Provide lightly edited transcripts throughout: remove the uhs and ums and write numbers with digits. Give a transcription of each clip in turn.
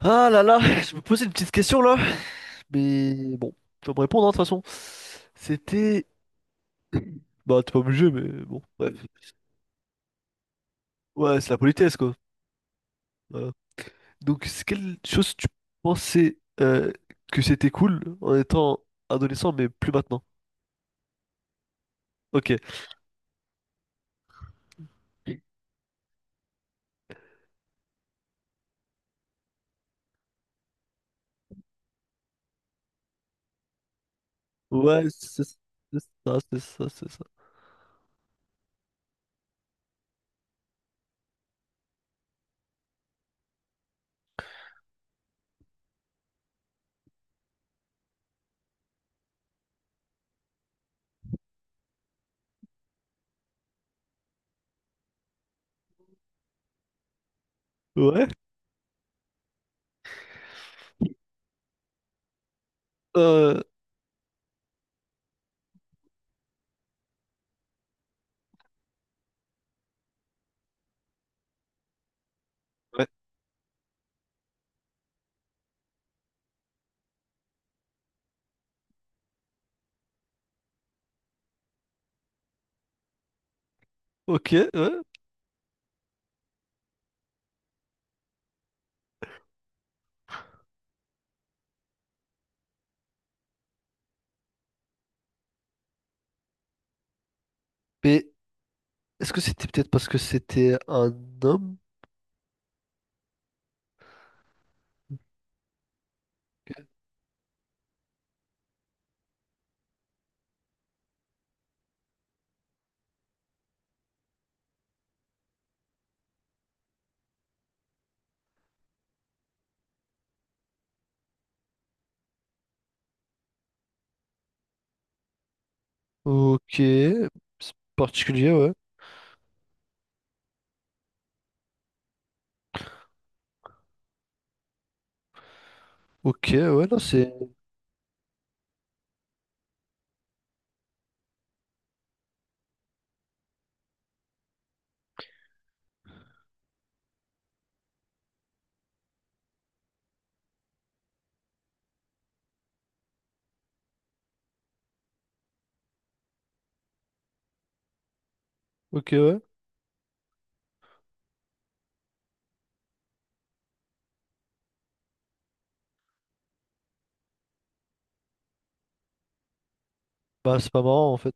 Ah là là, je me posais une petite question là, mais bon, tu vas me répondre hein, de toute façon. C'était... Bah t'es pas obligé, mais bon, bref. Ouais, c'est la politesse quoi. Voilà. Donc c'est quelle chose tu pensais que c'était cool en étant adolescent, mais plus maintenant? Ok. Ouais, c'est ça, c'est ça, c'est ça. Ouais. Euh... Ouais. Ok, ouais. Mais est-ce que c'était peut-être parce que c'était un homme? Ok. C'est particulier, ouais. Ok, ouais, non, c'est... Ok, ouais. Bah, c'est pas marrant en fait.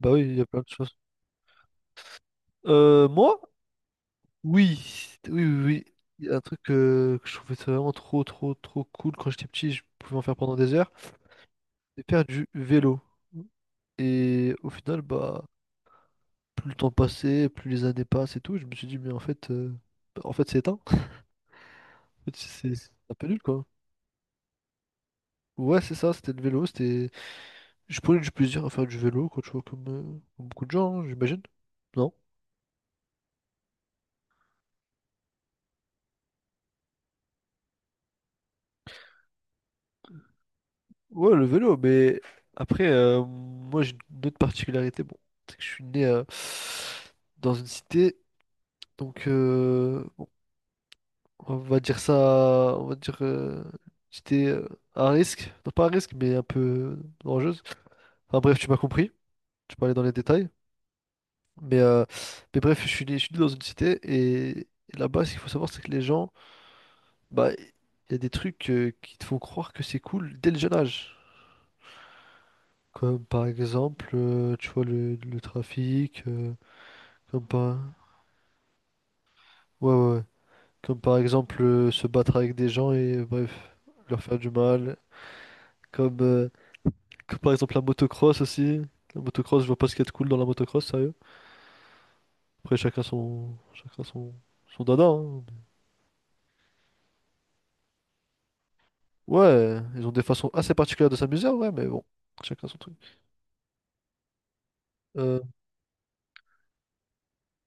Bah oui, il y a plein de choses. Moi? Oui, oui, oui, oui. Il y a un truc que je trouvais ça vraiment trop, trop, trop cool quand j'étais petit, je pouvais en faire pendant des heures. C'est faire du vélo. Et au final, bah, plus le temps passait, plus les années passent et tout, je me suis dit, mais en fait, c'est éteint. En fait, c'est un peu nul, quoi. Ouais, c'est ça, c'était le vélo, c'était... Je prenais du plaisir à faire du vélo, quoi, tu vois, comme, comme beaucoup de gens, hein, j'imagine. Non? Ouais, le vélo, mais après, moi j'ai une autre particularité. Bon, c'est que je suis né dans une cité, donc bon, on va dire ça, on va dire j'étais à un risque, non pas à risque, mais un peu dangereuse. Enfin bref, tu m'as compris, je peux aller dans les détails. Mais, euh, mais bref, je suis né dans une cité et là-bas, ce qu'il faut savoir, c'est que les gens, bah, il y a des trucs qui te font croire que c'est cool dès le jeune âge. Comme par exemple, tu vois, le trafic, comme par... Ouais, ouais, ouais. Comme par exemple, se battre avec des gens et, bref, leur faire du mal. Comme, comme par exemple la motocross aussi. La motocross, je vois pas ce qu'il y a de cool dans la motocross, sérieux. Après, chacun son... Chacun son... Son dada, hein. Ouais, ils ont des façons assez particulières de s'amuser, ouais, mais bon, chacun son truc. Euh,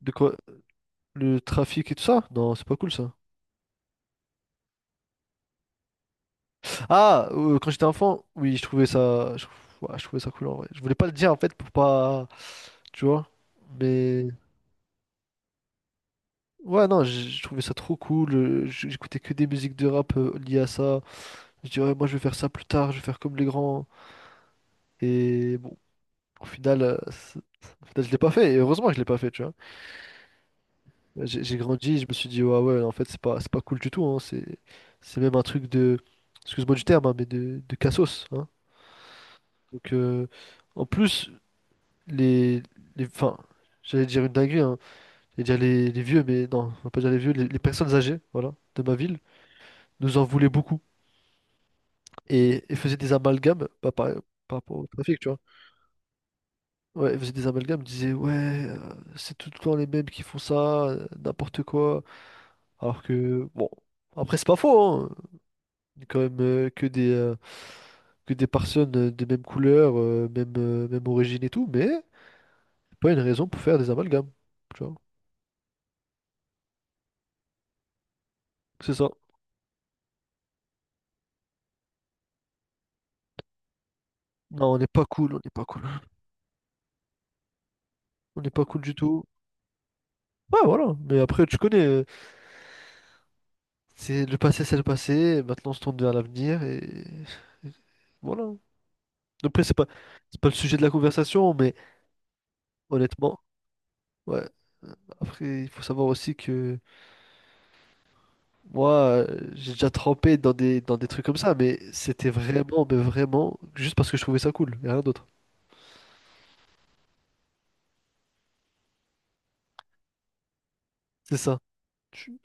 de quoi? Le trafic et tout ça? Non, c'est pas cool ça. Ah, quand j'étais enfant, oui, je trouvais ça cool en vrai. Je voulais pas le dire en fait pour pas, tu vois. Mais ouais, non, je trouvais ça trop cool. J'écoutais que des musiques de rap liées à ça. Je disais, ouais, moi je vais faire ça plus tard, je vais faire comme les grands. Et bon, au final, euh, c'est- au final, je l'ai pas fait. Et heureusement que je l'ai pas fait, tu vois. J'ai grandi, je me suis dit, ouais, ouais, en fait, c'est pas cool du tout. Hein, c'est même un truc de, excuse-moi du terme, hein, mais de cassos, hein. Donc, en plus, les, enfin, j'allais dire une dinguerie, hein. J'allais dire les vieux, mais non, on va pas dire les vieux, les personnes âgées, voilà, de ma ville, nous en voulaient beaucoup et faisaient des amalgames, pas par, par rapport au trafic, tu vois. Ouais, ils faisaient des amalgames, ils disaient, ouais, c'est tout le temps les mêmes qui font ça, n'importe quoi. Alors que, bon, après, c'est pas faux, hein. Il y a quand même, que des personnes des mêmes couleurs, même origine et tout, mais c'est pas une raison pour faire des amalgames, tu vois. C'est ça. Non, on n'est pas cool, on n'est pas cool. On n'est pas cool du tout. Ouais, voilà. Mais après, tu connais, c'est le passé, c'est le passé. Maintenant, on se tourne vers l'avenir et voilà. Après, c'est pas le sujet de la conversation, mais honnêtement, ouais. Après, il faut savoir aussi que moi, j'ai déjà trempé dans des trucs comme ça, mais c'était vraiment, mais vraiment, juste parce que je trouvais ça cool, et rien d'autre. C'est ça. Tu-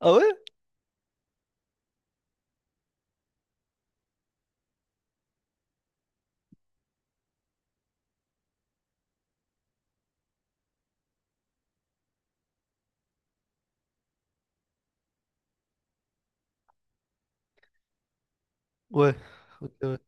Ah ouais? Ouais. Ok, ouais.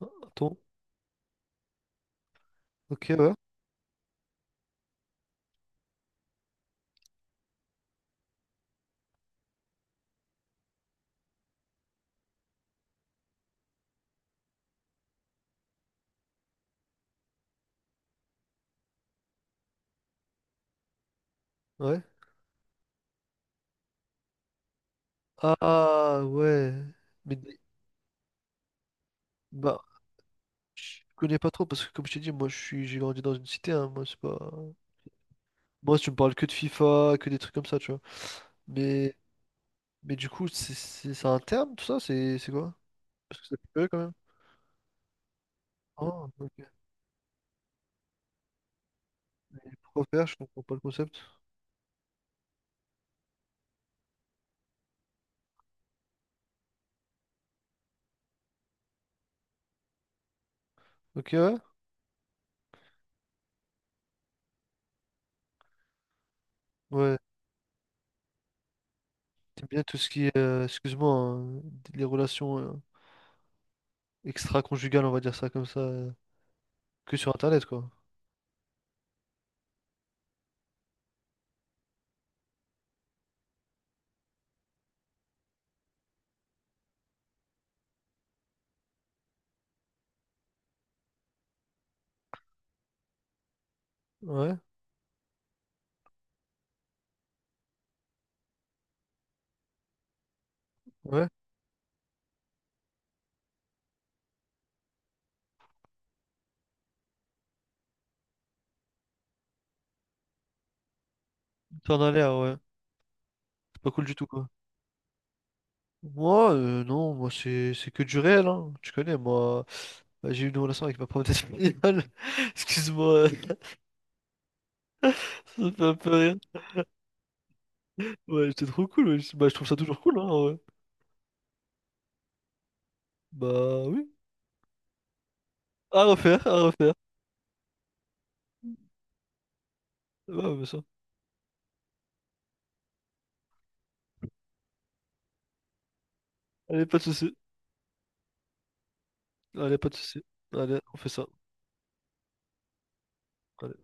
Attends. Ok, ouais. Ouais. Ah ouais. Mais bah, je connais pas trop parce que comme je t'ai dit, moi je suis j'ai grandi dans une cité, hein, moi c'est pas. Moi tu me parles que de FIFA, que des trucs comme ça, tu vois. Mais mais du coup, c'est un terme tout ça, c'est quoi? Parce que ça peut quand même. Ah, ok. Pourquoi faire? Je comprends pas le concept. Ok, ouais. Ouais. T'aimes bien tout ce qui est, excuse-moi, hein, les relations extra-conjugales, on va dire ça comme ça, que sur Internet, quoi. Ouais, ouais. T'en as l'air, ouais. C'est pas cool du tout, quoi. Moi, non, moi c'est que du réel, hein. Tu connais, moi. Bah, j'ai eu une relation avec ma prof d'espagnol. Excuse-moi, ça me fait un peu rire. Ouais, c'était trop cool, ouais. Bah, je trouve ça toujours cool, hein, en vrai. Bah, oui. À refaire, à refaire. Ouais, bien sûr. Allez, pas de soucis. Allez, pas de soucis. Allez, on fait ça. Allez.